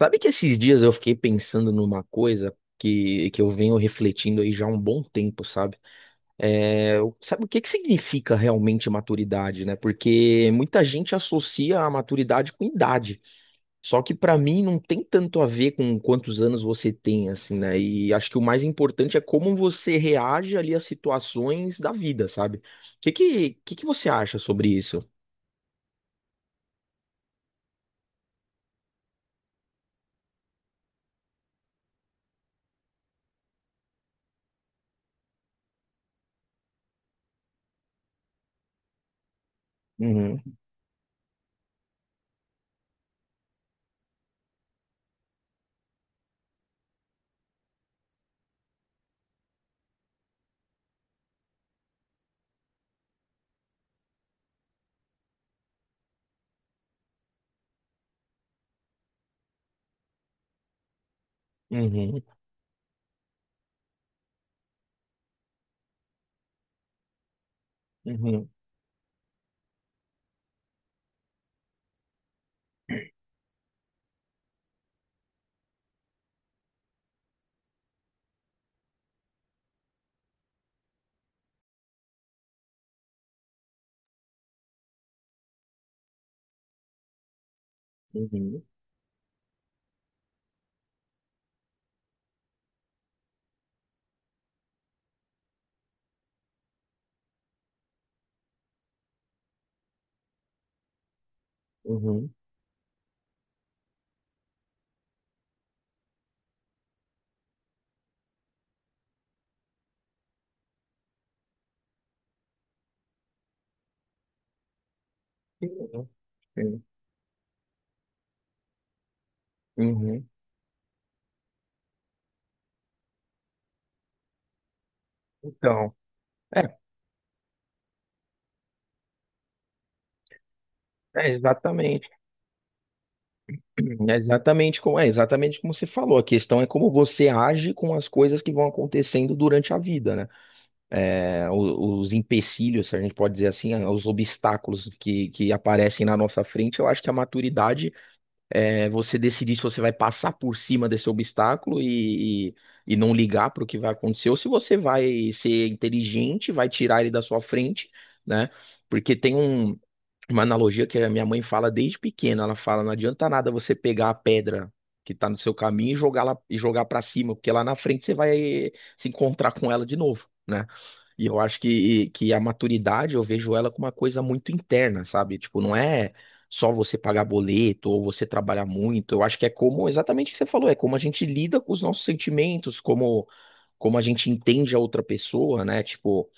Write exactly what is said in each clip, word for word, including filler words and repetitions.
Sabe que esses dias eu fiquei pensando numa coisa que, que eu venho refletindo aí já há um bom tempo, sabe? É, eu- sabe o que que significa realmente maturidade, né? Porque muita gente associa a maturidade com idade. Só que pra mim não tem tanto a ver com quantos anos você tem, assim, né? E acho que o mais importante é como você reage ali às situações da vida, sabe? O que que, que que você acha sobre isso? Uhum, uhum, uhum, uhum, uhum, uhum. Sim, sim. Uhum. Então, é, é exatamente, é exatamente como, é exatamente como você falou. A questão é como você age com as coisas que vão acontecendo durante a vida, né? É, o- os, empecilhos, se a gente pode dizer assim, os obstáculos que, que aparecem na nossa frente. Eu acho que a maturidade é você decidir se você vai passar por cima desse obstáculo e, e, e não ligar para o que vai acontecer, ou se você vai ser inteligente, vai tirar ele da sua frente, né? Porque tem um uma analogia que a minha mãe fala desde pequena. Ela fala, não adianta nada você pegar a pedra que tá no seu caminho e jogar lá e jogar para cima, porque lá na frente você vai se encontrar com ela de novo, né? E eu acho que, que a maturidade, eu vejo ela como uma coisa muito interna, sabe? Tipo, não é só você pagar boleto ou você trabalhar muito. Eu acho que é como, exatamente o que você falou, é como a gente lida com os nossos sentimentos, como como a gente entende a outra pessoa, né? Tipo,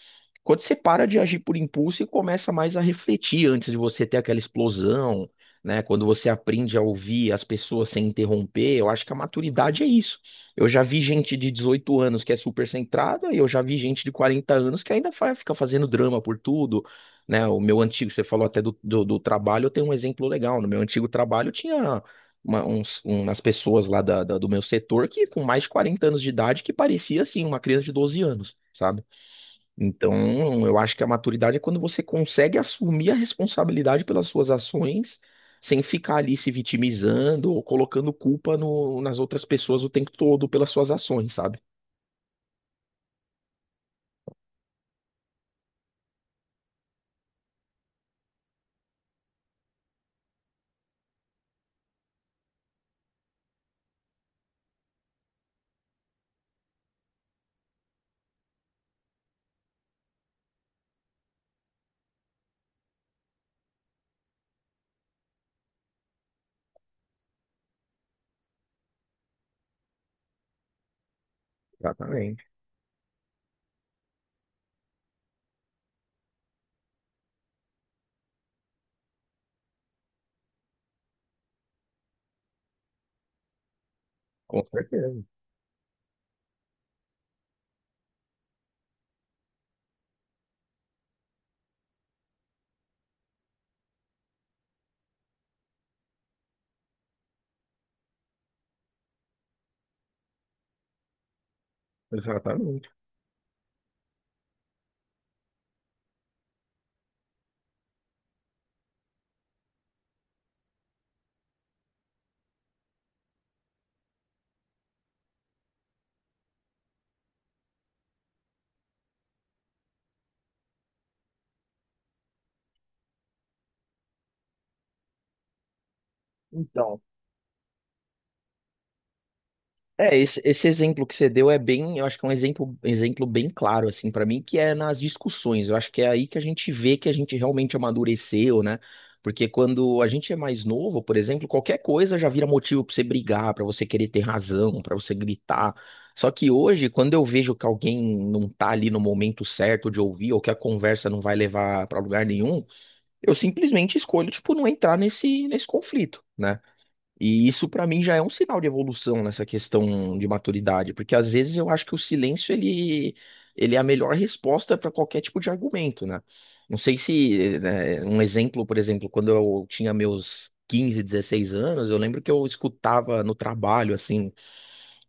quando você para de agir por impulso e começa mais a refletir antes de você ter aquela explosão, né? Quando você aprende a ouvir as pessoas sem interromper, eu acho que a maturidade é isso. Eu já vi gente de dezoito anos que é super centrada e eu já vi gente de quarenta anos que ainda fa- fica fazendo drama por tudo, né? O meu antigo, você falou até do, do, do trabalho, eu tenho um exemplo legal. No meu antigo trabalho tinha uma- uns, umas pessoas lá da, da- do meu setor que com mais de quarenta anos de idade que parecia, assim, uma criança de doze anos. Sabe? Então, eu acho que a maturidade é quando você consegue assumir a responsabilidade pelas suas ações, sem ficar ali se vitimizando ou colocando culpa no- nas outras pessoas o tempo todo pelas suas ações, sabe? Exatamente, com certeza. Exatamente. então é, esse, esse exemplo que você deu é bem, eu acho que é um exemplo, exemplo bem claro, assim, pra mim, que é nas discussões. Eu acho que é aí que a gente vê que a gente realmente amadureceu, né? Porque quando a gente é mais novo, por exemplo, qualquer coisa já vira motivo pra você brigar, pra você querer ter razão, pra você gritar. Só que hoje, quando eu vejo que alguém não tá ali no momento certo de ouvir, ou que a conversa não vai levar pra lugar nenhum, eu simplesmente escolho, tipo, não entrar nesse, nesse conflito, né? E isso pra mim já é um sinal de evolução nessa questão de maturidade, porque às vezes eu acho que o silêncio ele, ele é a melhor resposta para qualquer tipo de argumento, né? Não sei se, né, um exemplo, por exemplo, quando eu tinha meus quinze dezesseis anos, eu lembro que eu escutava no trabalho, assim,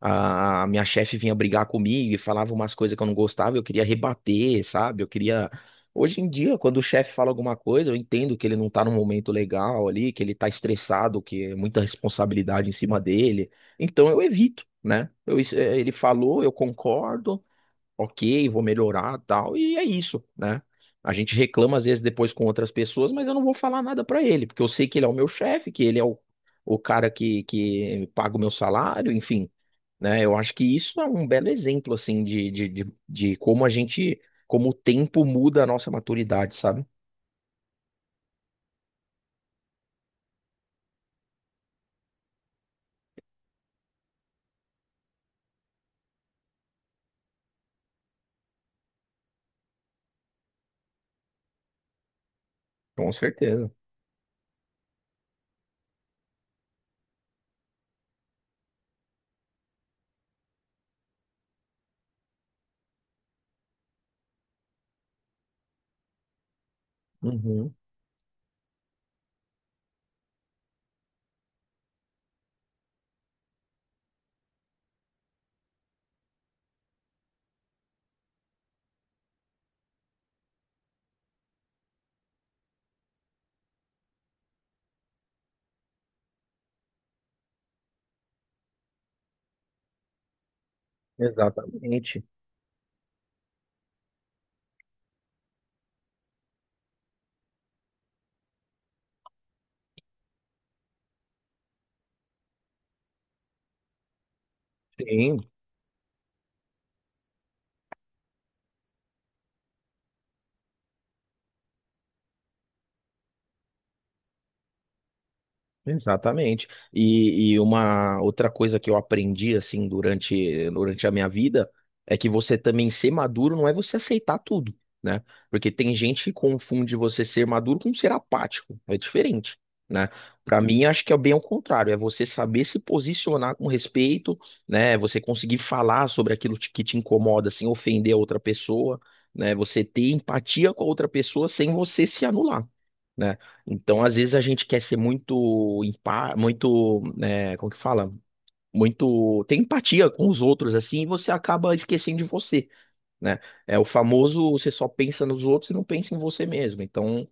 a minha chefe vinha brigar comigo e falava umas coisas que eu não gostava, eu queria rebater, sabe? Eu queria. Hoje em dia, quando o chefe fala alguma coisa, eu entendo que ele não tá num momento legal ali, que ele tá estressado, que é muita responsabilidade em cima dele. Então eu evito, né? Eu, eh, ele falou, eu concordo, ok, vou melhorar, tal, e é isso, né? A gente reclama às vezes depois com outras pessoas, mas eu não vou falar nada pra ele, porque eu sei que ele é o meu chefe, que ele é o, o cara que, que paga o meu salário, enfim, né? Eu acho que isso é um belo exemplo, assim, de, de, de, de como a gente, como o tempo muda a nossa maturidade, sabe? Com certeza. Uhum, exatamente. Sim, Exatamente. E, e uma outra coisa que eu aprendi assim durante, durante a minha vida é que você também ser maduro não é você aceitar tudo, né? Porque tem gente que confunde você ser maduro com ser apático. É diferente, né? Para mim, acho que é bem ao contrário, é você saber se posicionar com respeito, né? Você conseguir falar sobre aquilo te- que te incomoda sem ofender a outra pessoa, né? Você ter empatia com a outra pessoa sem você se anular, né? Então, às vezes a gente quer ser muito, empa- muito, né, como que fala? Muito, tem empatia com os outros assim, e você acaba esquecendo de você, né? É o famoso, você só pensa nos outros e não pensa em você mesmo. Então,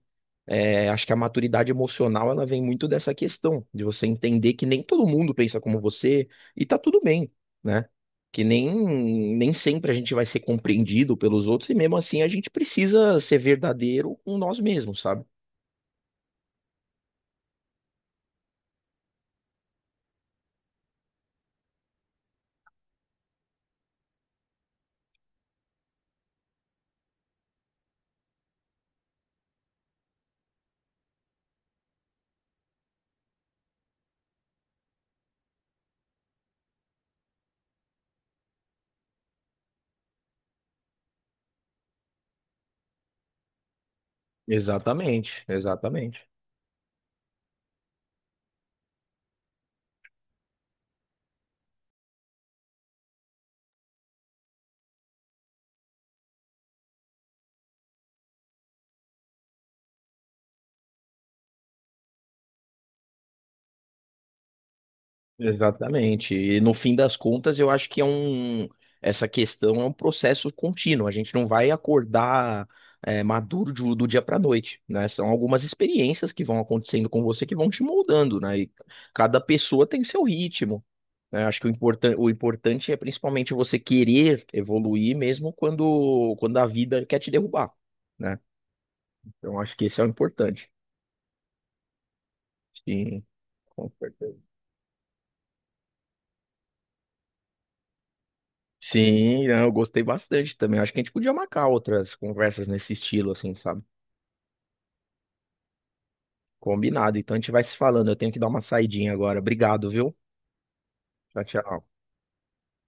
é, acho que a maturidade emocional ela vem muito dessa questão de você entender que nem todo mundo pensa como você e tá tudo bem, né? Que nem, nem sempre a gente vai ser compreendido pelos outros e mesmo assim a gente precisa ser verdadeiro com nós mesmos, sabe? Exatamente, exatamente, exatamente. E no fim das contas, eu acho que é um, essa questão é um processo contínuo. A gente não vai acordar é, maduro de- do dia para noite, né? São algumas experiências que vão acontecendo com você que vão te moldando, né? E cada pessoa tem seu ritmo, né? Acho que o importan o importante é principalmente você querer evoluir mesmo quando, quando a vida quer te derrubar, né? Então acho que isso é o importante. Sim, com certeza. Sim, não, eu gostei bastante também. Acho que a gente podia marcar outras conversas nesse estilo, assim, sabe? Combinado. Então a gente vai se falando. Eu tenho que dar uma saidinha agora. Obrigado, viu? Tchau, tchau.